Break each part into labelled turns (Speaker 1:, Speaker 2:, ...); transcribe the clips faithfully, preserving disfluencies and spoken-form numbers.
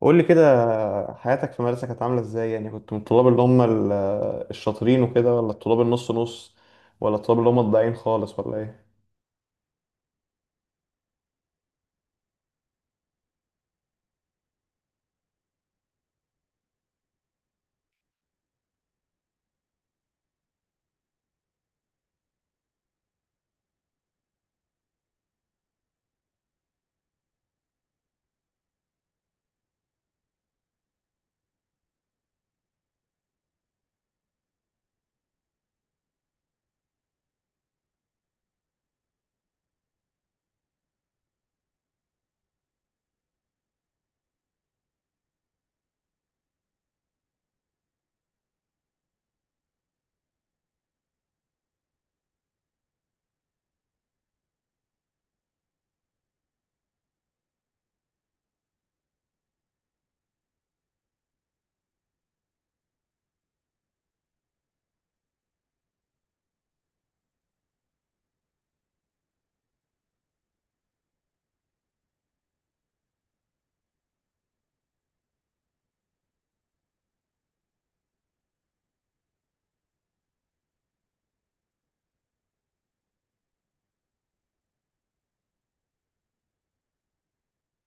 Speaker 1: قول لي كده، حياتك في المدرسة كانت عاملة ازاي؟ يعني كنت من الطلاب اللي هم ال- الشاطرين وكده، ولا الطلاب النص نص، ولا الطلاب اللي هم الضايعين خالص، ولا ايه؟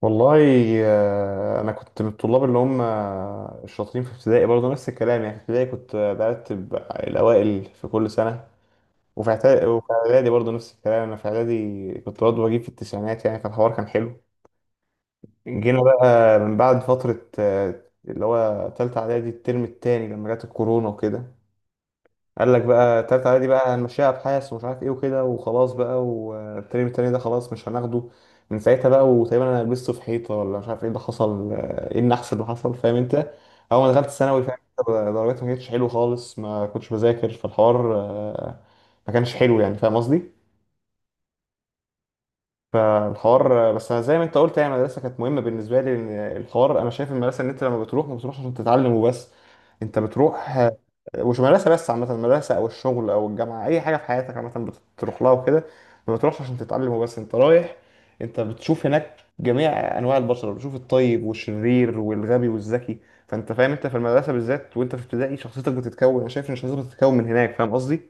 Speaker 1: والله، آه، انا كنت من الطلاب اللي هم الشاطرين في ابتدائي برضه، نفس الكلام. يعني في ابتدائي كنت برتب الاوائل في كل سنة، وفي اعتا- وفي اعدادي برضه نفس الكلام. انا في اعدادي كنت برضه بجيب في التسعينات، يعني فالحوار كان حلو. جينا بقى من بعد فترة، آه، اللي هو تالتة اعدادي الترم التاني، لما جت الكورونا وكده. قال لك بقى تالتة إعدادي بقى هنمشيها أبحاث ومش عارف إيه وكده، وخلاص بقى، والترم التاني ده خلاص مش هناخده. من ساعتها بقى، وتقريبا أنا لبسته في حيطة، ولا مش عارف إيه اللي حصل، آه، إيه النحس اللي حصل، فاهم أنت؟ أول ما دخلت ثانوي، فاهم أنت، درجاتي ما كانتش حلوة خالص، ما كنتش بذاكر، فالحوار آه، ما كانش حلو، يعني فاهم قصدي؟ فالحوار، بس انا زي ما انت قلت، يعني المدرسه كانت مهمه بالنسبه لي، لأن الحوار انا شايف المدرسه ان انت لما بتروح ما بتروحش عشان تتعلم وبس. انت بتروح مش مدرسة بس، عامة المدرسة أو الشغل أو الجامعة، أي حاجة في حياتك عامة بتروح لها وكده، ما بتروحش عشان تتعلم وبس. أنت رايح، أنت بتشوف هناك جميع أنواع البشر، بتشوف الطيب والشرير والغبي والذكي. فأنت فاهم، أنت في المدرسة بالذات، وأنت في ابتدائي شخصيتك بتتكون، أنا شايف إن شخصيتك بتتكون من هناك، فاهم قصدي؟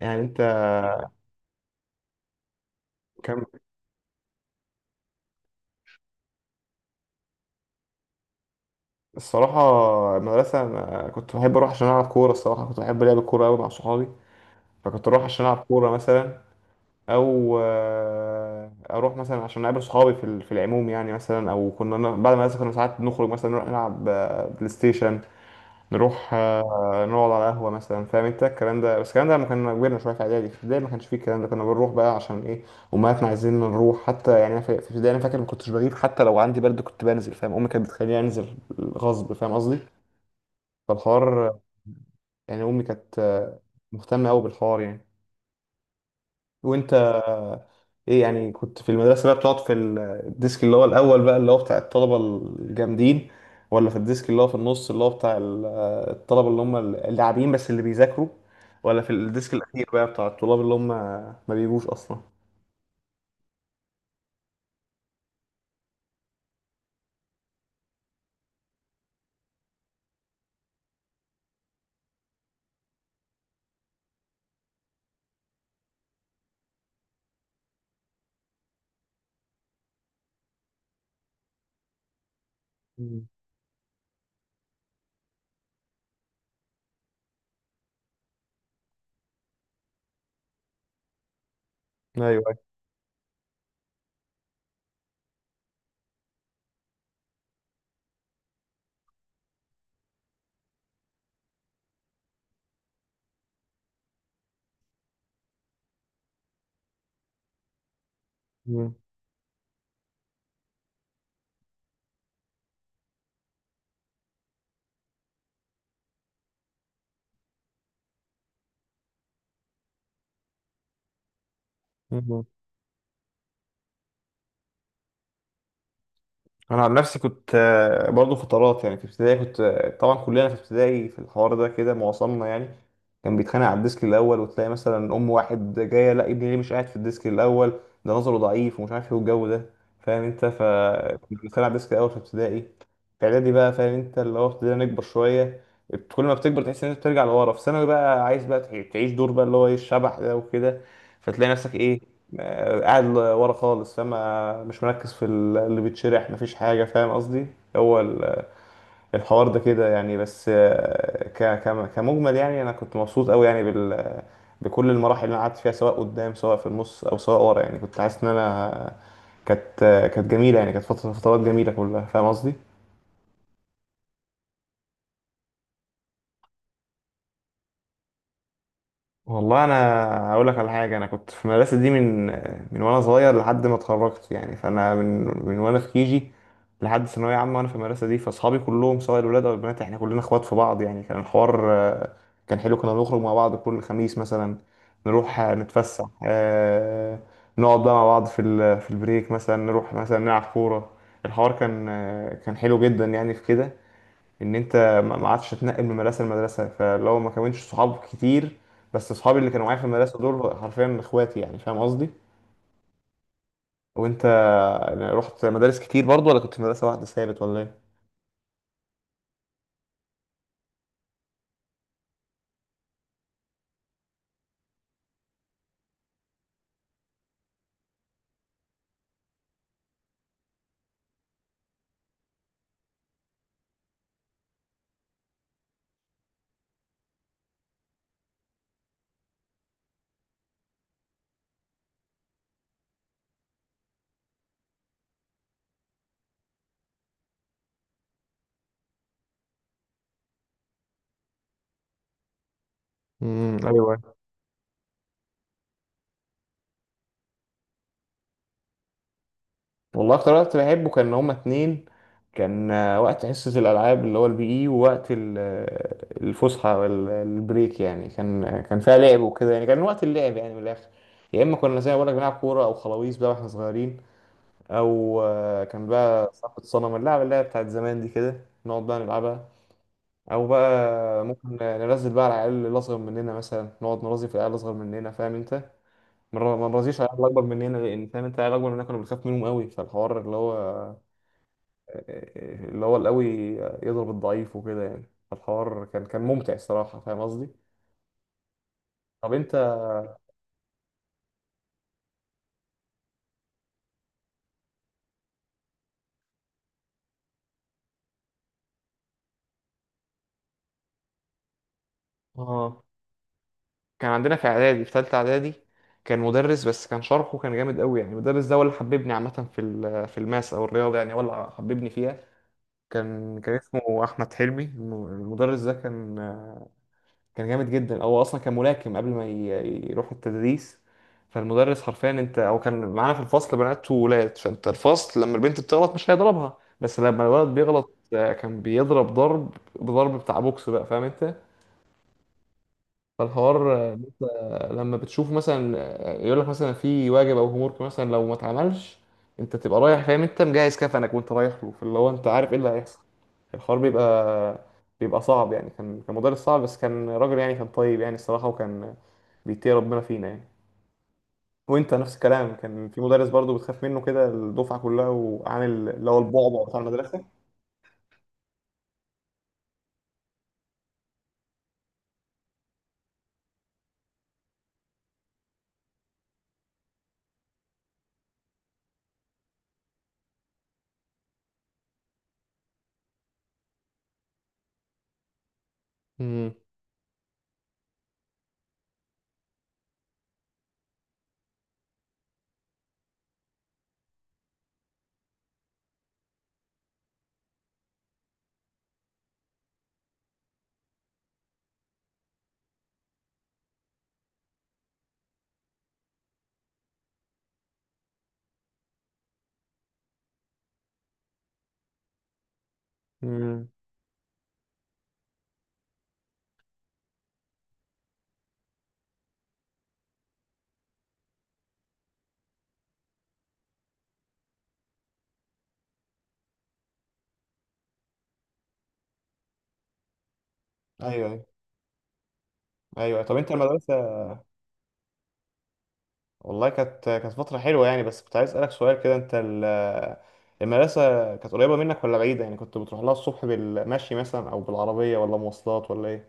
Speaker 1: يعني أنت كان. الصراحة، المدرسة أنا كنت بحب أروح عشان ألعب كورة. الصراحة كنت بحب لعب الكورة أوي مع صحابي، فكنت أروح عشان ألعب كورة مثلا، او آه، اروح مثلا عشان اقابل صحابي في ال- في العموم يعني، مثلا، او كنا ن- بعد ما كنا ساعات نخرج مثلا، نروح نلعب آه، بلاي ستيشن، نروح آه، نقعد على قهوه مثلا، فاهم انت الكلام ده. بس الكلام ده لما كنا كبرنا شويه في اعدادي، في ابتدائي ما كانش فيه الكلام ده، كنا بنروح بقى عشان ايه؟ امهاتنا عايزيننا نروح حتى. يعني أنا في في ابتدائي، انا فاكر ما كنتش بغيب حتى لو عندي برد، كنت بنزل، فاهم؟ امي كانت بتخليني انزل غصب، فاهم قصدي؟ فالحوار، يعني امي كانت آه، مهتمه قوي بالحوار يعني. وانت ايه؟ يعني كنت في المدرسة بقى بتقعد في الديسك اللي هو الأول بقى، اللي هو بتاع الطلبة الجامدين؟ ولا في الديسك اللي هو في النص، اللي هو بتاع ال- الطلبة اللي هم اللاعبين بس اللي بيذاكروا؟ ولا في الديسك الأخير بقى، بتاع الطلاب اللي هم ما بيجوش أصلا؟ مم. أيوه. أيوه. مم. انا عن نفسي كنت، آه، برضو فترات. يعني في ابتدائي كنت، آه، طبعا كلنا في ابتدائي في الحوار ده كده، معظمنا يعني كان بيتخانق على الديسك الاول. وتلاقي مثلا ام واحد جايه: لا، ابني ليه مش قاعد في الديسك الاول؟ ده نظره ضعيف، ومش عارف ايه والجو ده، فاهم انت؟ ف كنا بنتخانق على الديسك الاول في ابتدائي. في اعدادي بقى، فاهم انت، اللي هو ابتدينا نكبر شويه. كل ما بتكبر تحس ان انت بترجع لورا. في ثانوي بقى عايز بقى تعيش دور بقى، اللي هو ايه الشبح ده وكده. فتلاقي نفسك ايه؟ آه، قاعد ل- ورا خالص، فما مش مركز في ال- اللي بيتشرح، مفيش حاجة، فاهم قصدي؟ هو ال- الحوار ده كده يعني. بس آه، ك- كم- كمجمل يعني، أنا كنت مبسوط أوي يعني بال بكل المراحل اللي أنا قعدت فيها، سواء قدام، سواء في النص، أو سواء ورا. يعني كنت حاسس إن أنا كانت كانت جميلة، يعني كانت فترة فترات جميلة كلها، فاهم قصدي؟ والله، انا هقول لك على حاجه. انا كنت في المدرسه دي من من وانا صغير لحد ما اتخرجت. يعني فانا من من وانا في كيجي لحد ثانويه عامه وانا في المدرسه دي. فاصحابي كلهم، سواء الولاد او البنات، احنا كلنا اخوات في بعض. يعني كان الحوار آه، كان حلو. كنا بنخرج مع بعض كل خميس مثلا، نروح آه، نتفسح، آه، نقعد بقى مع بعض في ال- في البريك مثلا، نروح مثلا نلعب كوره. الحوار كان، آه، كان حلو جدا يعني. في كده ان انت ما ما عادش تتنقل من مدرسه لمدرسه، فلو ما كونتش صحاب كتير. بس صحابي اللي كانوا معايا في المدرسه دول حرفيا اخواتي، يعني فاهم قصدي؟ وانت يعني رحت مدارس كتير برضو، ولا كنت في مدرسه واحده ثابت، ولا ايه؟ امم. ايوه. والله، اكتر وقت بحبه كان هما اتنين. كان آه، وقت حصة الألعاب اللي هو البي إي، ووقت ال- آه، الفسحة والبريك. يعني كان، آه، كان فيها لعب وكده. يعني كان وقت اللعب يعني، من الآخر. يا إما كنا زي ما بقولك بنلعب كورة أو خلاويص بقى واحنا صغيرين، او آه، كان بقى صاحبة صنم، اللعبة اللي هي بتاعت زمان دي كده، نقعد بقى نلعبها. او بقى ممكن ننزل بقى على العيال اللي اصغر مننا، مثلا نقعد نرازي في العيال الاصغر مننا، فاهم انت؟ ما نر- ما نرازيش على العيال الاكبر مننا، لان فاهم انت العيال الاكبر مننا كنا بنخاف منهم قوي. فالحوار اللي هو، اللي هو القوي يضرب الضعيف وكده يعني. فالحوار كان كان ممتع الصراحة، فاهم قصدي؟ طب انت؟ اه، كان عندنا في اعدادي، في ثالثه اعدادي كان مدرس، بس كان شرحه كان جامد قوي. يعني المدرس ده هو اللي حببني عامه في ال- في الماس او الرياضه، يعني هو اللي حببني فيها. كان، كان اسمه احمد حلمي. الم- المدرس ده كان، كان جامد جدا. هو اصلا كان ملاكم قبل ما ي- يروح التدريس. فالمدرس حرفيا انت، او كان معانا في الفصل بنات وولاد. فانت الفصل لما البنت بتغلط مش هيضربها، بس لما الولد بيغلط، آه، كان بيضرب ضرب، بضرب بتاع بوكس بقى، فاهم انت؟ فالحوار آه، لسه، لما بتشوف مثلا آه، يقول لك مثلا في واجب او هومورك مثلا لو ما اتعملش، انت تبقى رايح، فاهم انت، مجهز كفنك وانت رايح له. فاللي هو انت عارف ايه اللي هيحصل. الحوار بيبقى بيبقى صعب. يعني كان كان مدرس صعب، بس كان راجل، يعني كان طيب يعني الصراحة، وكان بيتقي ربنا فينا يعني. وانت نفس الكلام، كان في مدرس برضو بتخاف منه كده الدفعة كلها، وعامل اللي هو البعبع بتاع المدرسة؟ امم. امم. ايوه. ايوه. ايوه، طب انت المدرسة. والله، كانت كانت فترة حلوة يعني. بس كنت عايز أسألك سؤال كده. أنت ال- المدرسة كانت قريبة منك ولا بعيدة؟ يعني كنت بتروح لها الصبح بالمشي مثلا، أو بالعربية، ولا مواصلات، ولا إيه؟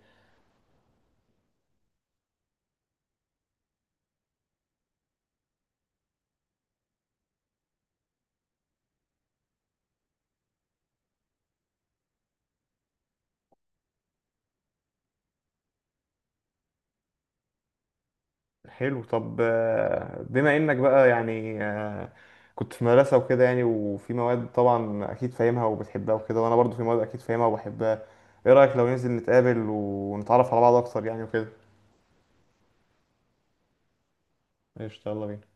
Speaker 1: حلو، طب آه، بما إنك بقى يعني، آه، كنت في مدرسة وكده يعني، وفي مواد طبعا أكيد فاهمها وبتحبها وكده، وأنا برضو في مواد أكيد فاهمها وبحبها. إيه رأيك لو ننزل نتقابل ونتعرف على بعض أكتر، يعني وكده؟ قشطة، يلا بينا.